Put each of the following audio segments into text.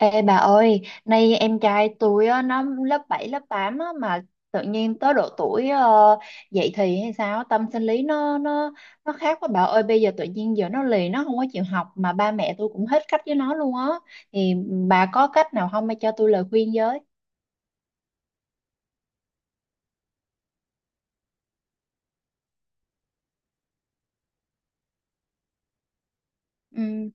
Ê bà ơi, nay em trai tôi á, nó lớp 7 lớp 8 á, mà tự nhiên tới độ tuổi dậy thì hay sao, tâm sinh lý nó khác quá bà ơi. Bây giờ tự nhiên giờ nó lì, nó không có chịu học mà ba mẹ tôi cũng hết cách với nó luôn á, thì bà có cách nào không, hay cho tôi lời khuyên với. Ừ.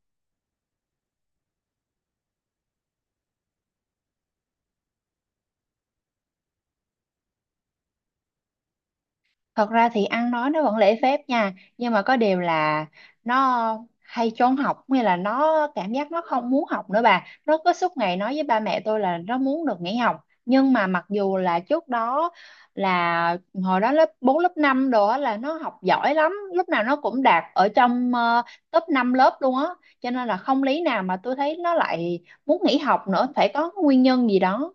Thật ra thì ăn nói nó vẫn lễ phép nha. Nhưng mà có điều là nó hay trốn học. Nghĩa là nó cảm giác nó không muốn học nữa bà. Nó cứ suốt ngày nói với ba mẹ tôi là nó muốn được nghỉ học. Nhưng mà mặc dù là trước đó là hồi đó lớp 4 lớp 5 đồ á là nó học giỏi lắm. Lúc nào nó cũng đạt ở trong top 5 lớp luôn á. Cho nên là không lý nào mà tôi thấy nó lại muốn nghỉ học nữa. Phải có nguyên nhân gì đó.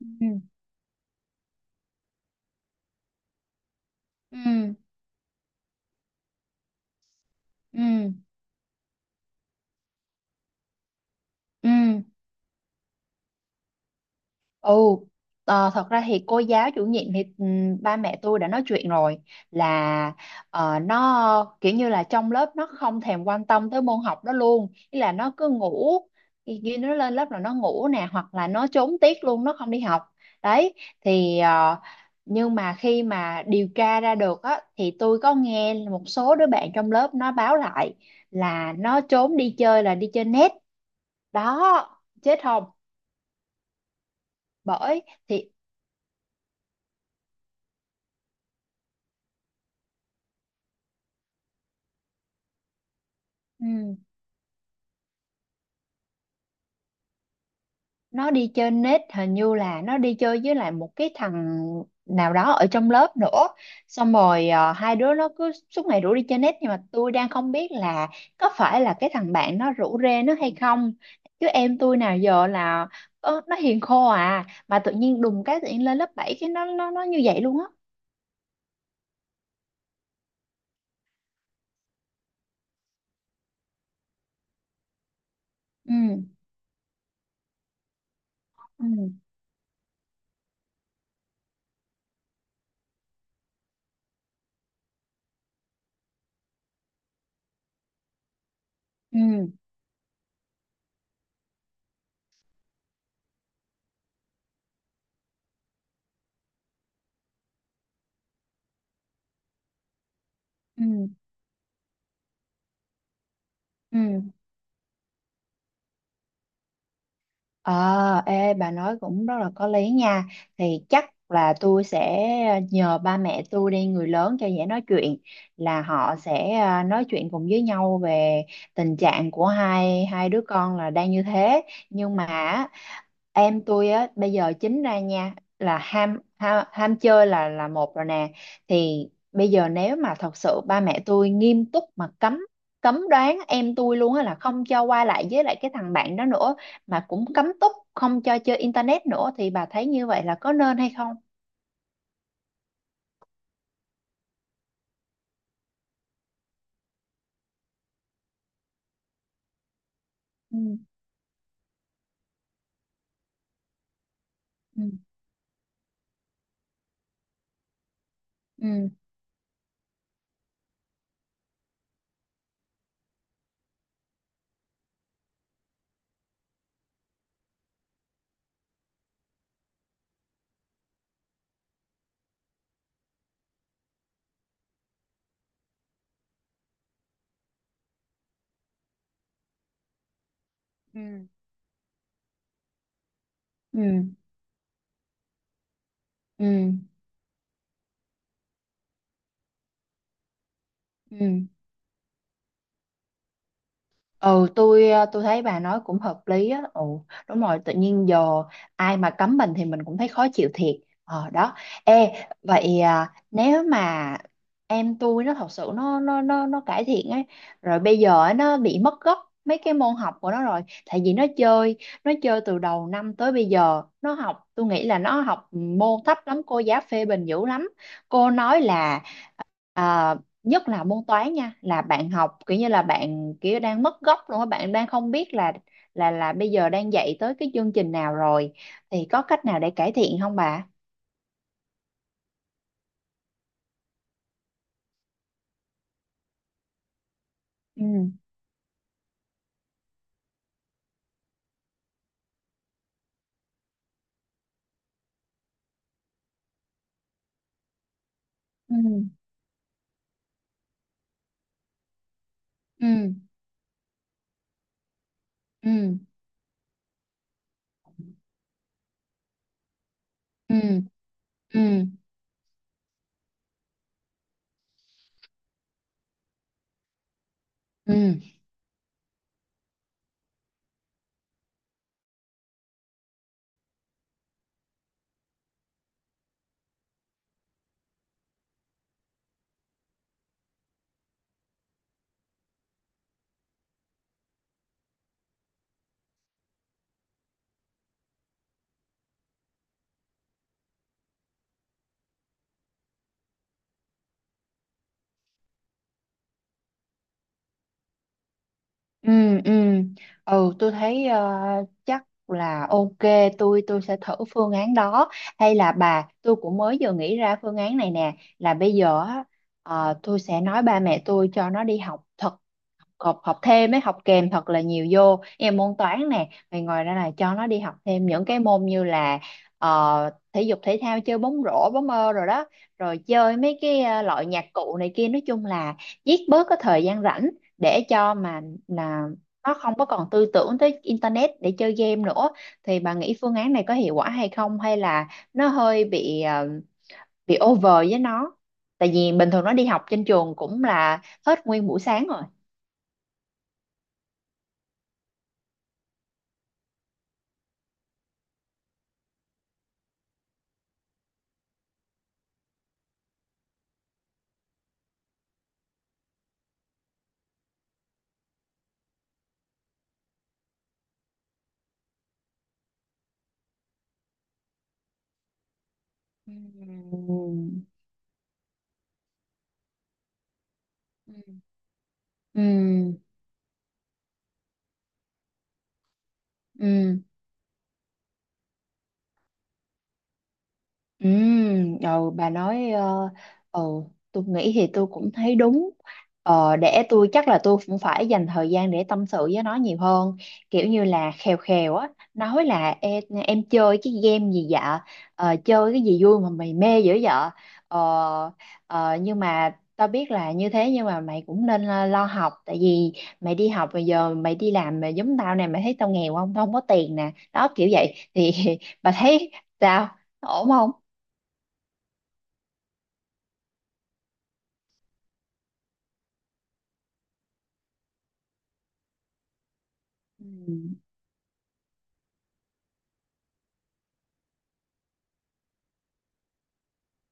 Ừ. Ừ. Ừ. Ừ. Ồ, thật ra thì cô giáo chủ nhiệm thì ba mẹ tôi đã nói chuyện rồi, là nó kiểu như là trong lớp nó không thèm quan tâm tới môn học đó luôn, ý là nó cứ ngủ, khi khi nó lên lớp là nó ngủ nè, hoặc là nó trốn tiết luôn, nó không đi học. Đấy, thì nhưng mà khi mà điều tra ra được á thì tôi có nghe một số đứa bạn trong lớp nó báo lại là nó trốn đi chơi, là đi chơi net. Đó, chết không? Bởi thì ừ. Nó đi chơi nết hình như là nó đi chơi với lại một cái thằng nào đó ở trong lớp nữa, xong rồi hai đứa nó cứ suốt ngày rủ đi chơi nết. Nhưng mà tôi đang không biết là có phải là cái thằng bạn nó rủ rê nó hay không, chứ em tôi nào giờ là nó hiền khô à, mà tự nhiên đùng cái, tự nhiên lên lớp 7 cái nó như vậy luôn á. Ừ. Ừ. Ừ. Ừ. Ừ. Ờ, ê, bà nói cũng rất là có lý nha. Thì chắc là tôi sẽ nhờ ba mẹ tôi đi, người lớn cho dễ nói chuyện, là họ sẽ à, nói chuyện cùng với nhau về tình trạng của hai hai đứa con là đang như thế. Nhưng mà á, em tôi á bây giờ chính ra nha là ham, ham, ham chơi là một rồi nè. Thì bây giờ nếu mà thật sự ba mẹ tôi nghiêm túc mà cấm, cấm đoán em tôi luôn á, là không cho qua lại với lại cái thằng bạn đó nữa, mà cũng cấm túc không cho chơi internet nữa, thì bà thấy như vậy là có nên hay không? Ừ, ừ, ừ, ừ. Ừ, ừ, ừ. Ừ, tôi tôi thấy bà nói cũng hợp lý á. Ừ, đúng rồi, tự nhiên giờ ai mà cấm mình thì mình cũng thấy khó chịu thiệt. Ờ đó. Ê, vậy à, nếu mà em tôi nó thật sự nó cải thiện ấy, rồi bây giờ ấy, nó bị mất gốc mấy cái môn học của nó rồi, tại vì nó chơi từ đầu năm tới bây giờ, nó học, tôi nghĩ là nó học môn thấp lắm, cô giáo phê bình dữ lắm. Cô nói là à, nhất là môn toán nha, là bạn học kiểu như là bạn kiểu đang mất gốc luôn á, bạn đang không biết là là bây giờ đang dạy tới cái chương trình nào rồi, thì có cách nào để cải thiện không bà? Ừ. Ừ. Ừ. Ừ. Ừ. Ừ. Ừ. Ừ. Ừ. Ừ. Ừ. tôi thấy chắc là ok, tôi sẽ thử phương án đó. Hay là bà, tôi cũng mới vừa nghĩ ra phương án này nè, là bây giờ á, tôi sẽ nói ba mẹ tôi cho nó đi học thật, học, học thêm ấy, học kèm thật là nhiều vô em môn toán nè, rồi ngoài ra là cho nó đi học thêm những cái môn như là thể dục thể thao, chơi bóng rổ, bóng mơ rồi đó, rồi chơi mấy cái loại nhạc cụ này kia, nói chung là giết bớt cái thời gian rảnh, để cho mà là nó không có còn tư tưởng tới internet để chơi game nữa. Thì bà nghĩ phương án này có hiệu quả hay không, hay là nó hơi bị bị over với nó, tại vì bình thường nó đi học trên trường cũng là hết nguyên buổi sáng rồi. Ừm. Ừm. Ừm. Ừ, ừ. Ừ, ừ, bà nói ờ, ừ, tôi nghĩ thì tôi cũng thấy đúng. Ờ, để tôi, chắc là tôi cũng phải dành thời gian để tâm sự với nó nhiều hơn, kiểu như là khèo khèo á, nói là em chơi cái game gì vậy? Ờ, chơi cái gì vui mà mày mê dữ vậy? ờ, ờ, nhưng mà tao biết là như thế, nhưng mà mày cũng nên lo, lo học, tại vì mày đi học bây giờ, mày đi làm mà giống tao nè, mày thấy tao nghèo không, tao không có tiền nè, đó kiểu vậy thì bà thấy sao, ổn không? Ừ.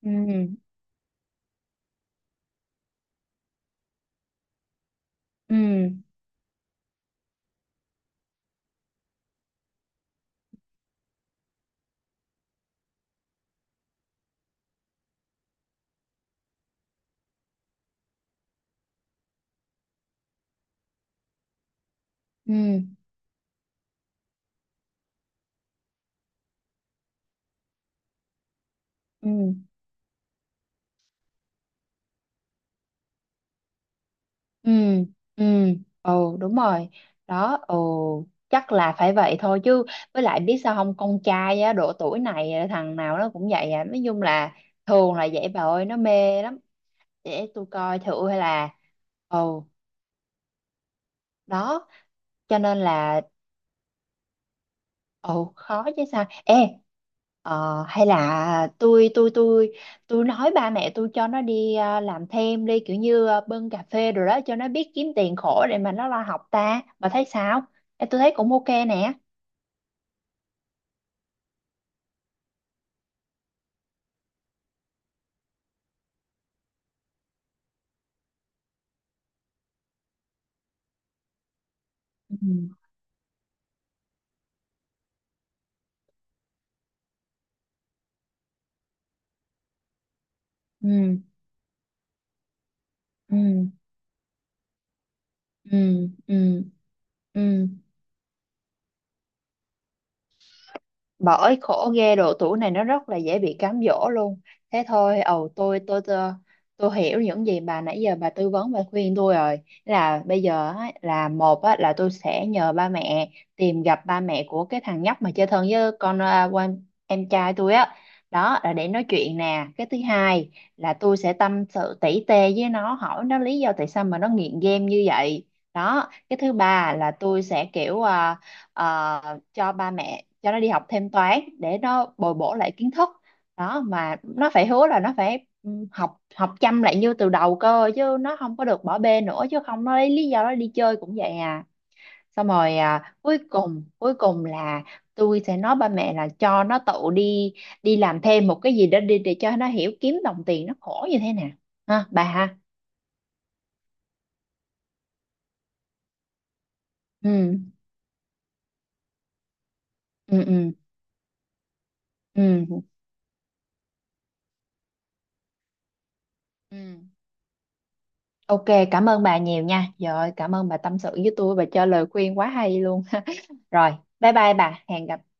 Ừ. Ừ. Ừ. Ừ. Ừ. Ừ ồ đúng rồi đó. Ồ chắc là phải vậy thôi chứ, với lại biết sao không, con trai á độ tuổi này á, thằng nào nó cũng vậy à, nói chung là thường là vậy bà ơi, nó mê lắm. Để tôi coi thử, hay là ồ đó cho nên là ồ khó chứ sao. Ê, hay là tôi tôi nói ba mẹ tôi cho nó đi làm thêm đi, kiểu như bưng cà phê rồi đó, cho nó biết kiếm tiền khổ để mà nó lo học ta, bà thấy sao? Ê, tôi thấy cũng ok nè. Ừ. Ừ. Ừ. Ừ. Ừ. Ừ. Bởi khổ ghê, độ tuổi này nó rất là dễ bị cám dỗ luôn. Thế thôi, ầu, tôi tôi hiểu những gì bà nãy giờ bà tư vấn và khuyên tôi rồi, là bây giờ á, là một á, là tôi sẽ nhờ ba mẹ tìm gặp ba mẹ của cái thằng nhóc mà chơi thân với con à, quan- em trai tôi á, đó là để nói chuyện nè. Cái thứ hai là tôi sẽ tâm sự tỉ tê với nó, hỏi nó lý do tại sao mà nó nghiện game như vậy. Đó, cái thứ ba là tôi sẽ kiểu à, cho ba mẹ cho nó đi học thêm toán để nó bồi bổ lại kiến thức, đó, mà nó phải hứa là nó phải ừ, học, học chăm lại như từ đầu cơ, chứ nó không có được bỏ bê nữa, chứ không nó lấy lý do nó đi chơi cũng vậy à. Xong rồi à, cuối cùng là tôi sẽ nói ba mẹ là cho nó tự đi, đi làm thêm một cái gì đó đi, để cho nó hiểu kiếm đồng tiền nó khổ như thế nào, ha bà ha. Ừ. Ừ. Ừ. Ừ. Ừ. Ok, cảm ơn bà nhiều nha. Trời ơi, cảm ơn bà tâm sự với tôi và cho lời khuyên quá hay luôn. Rồi, bye bye bà, hẹn gặp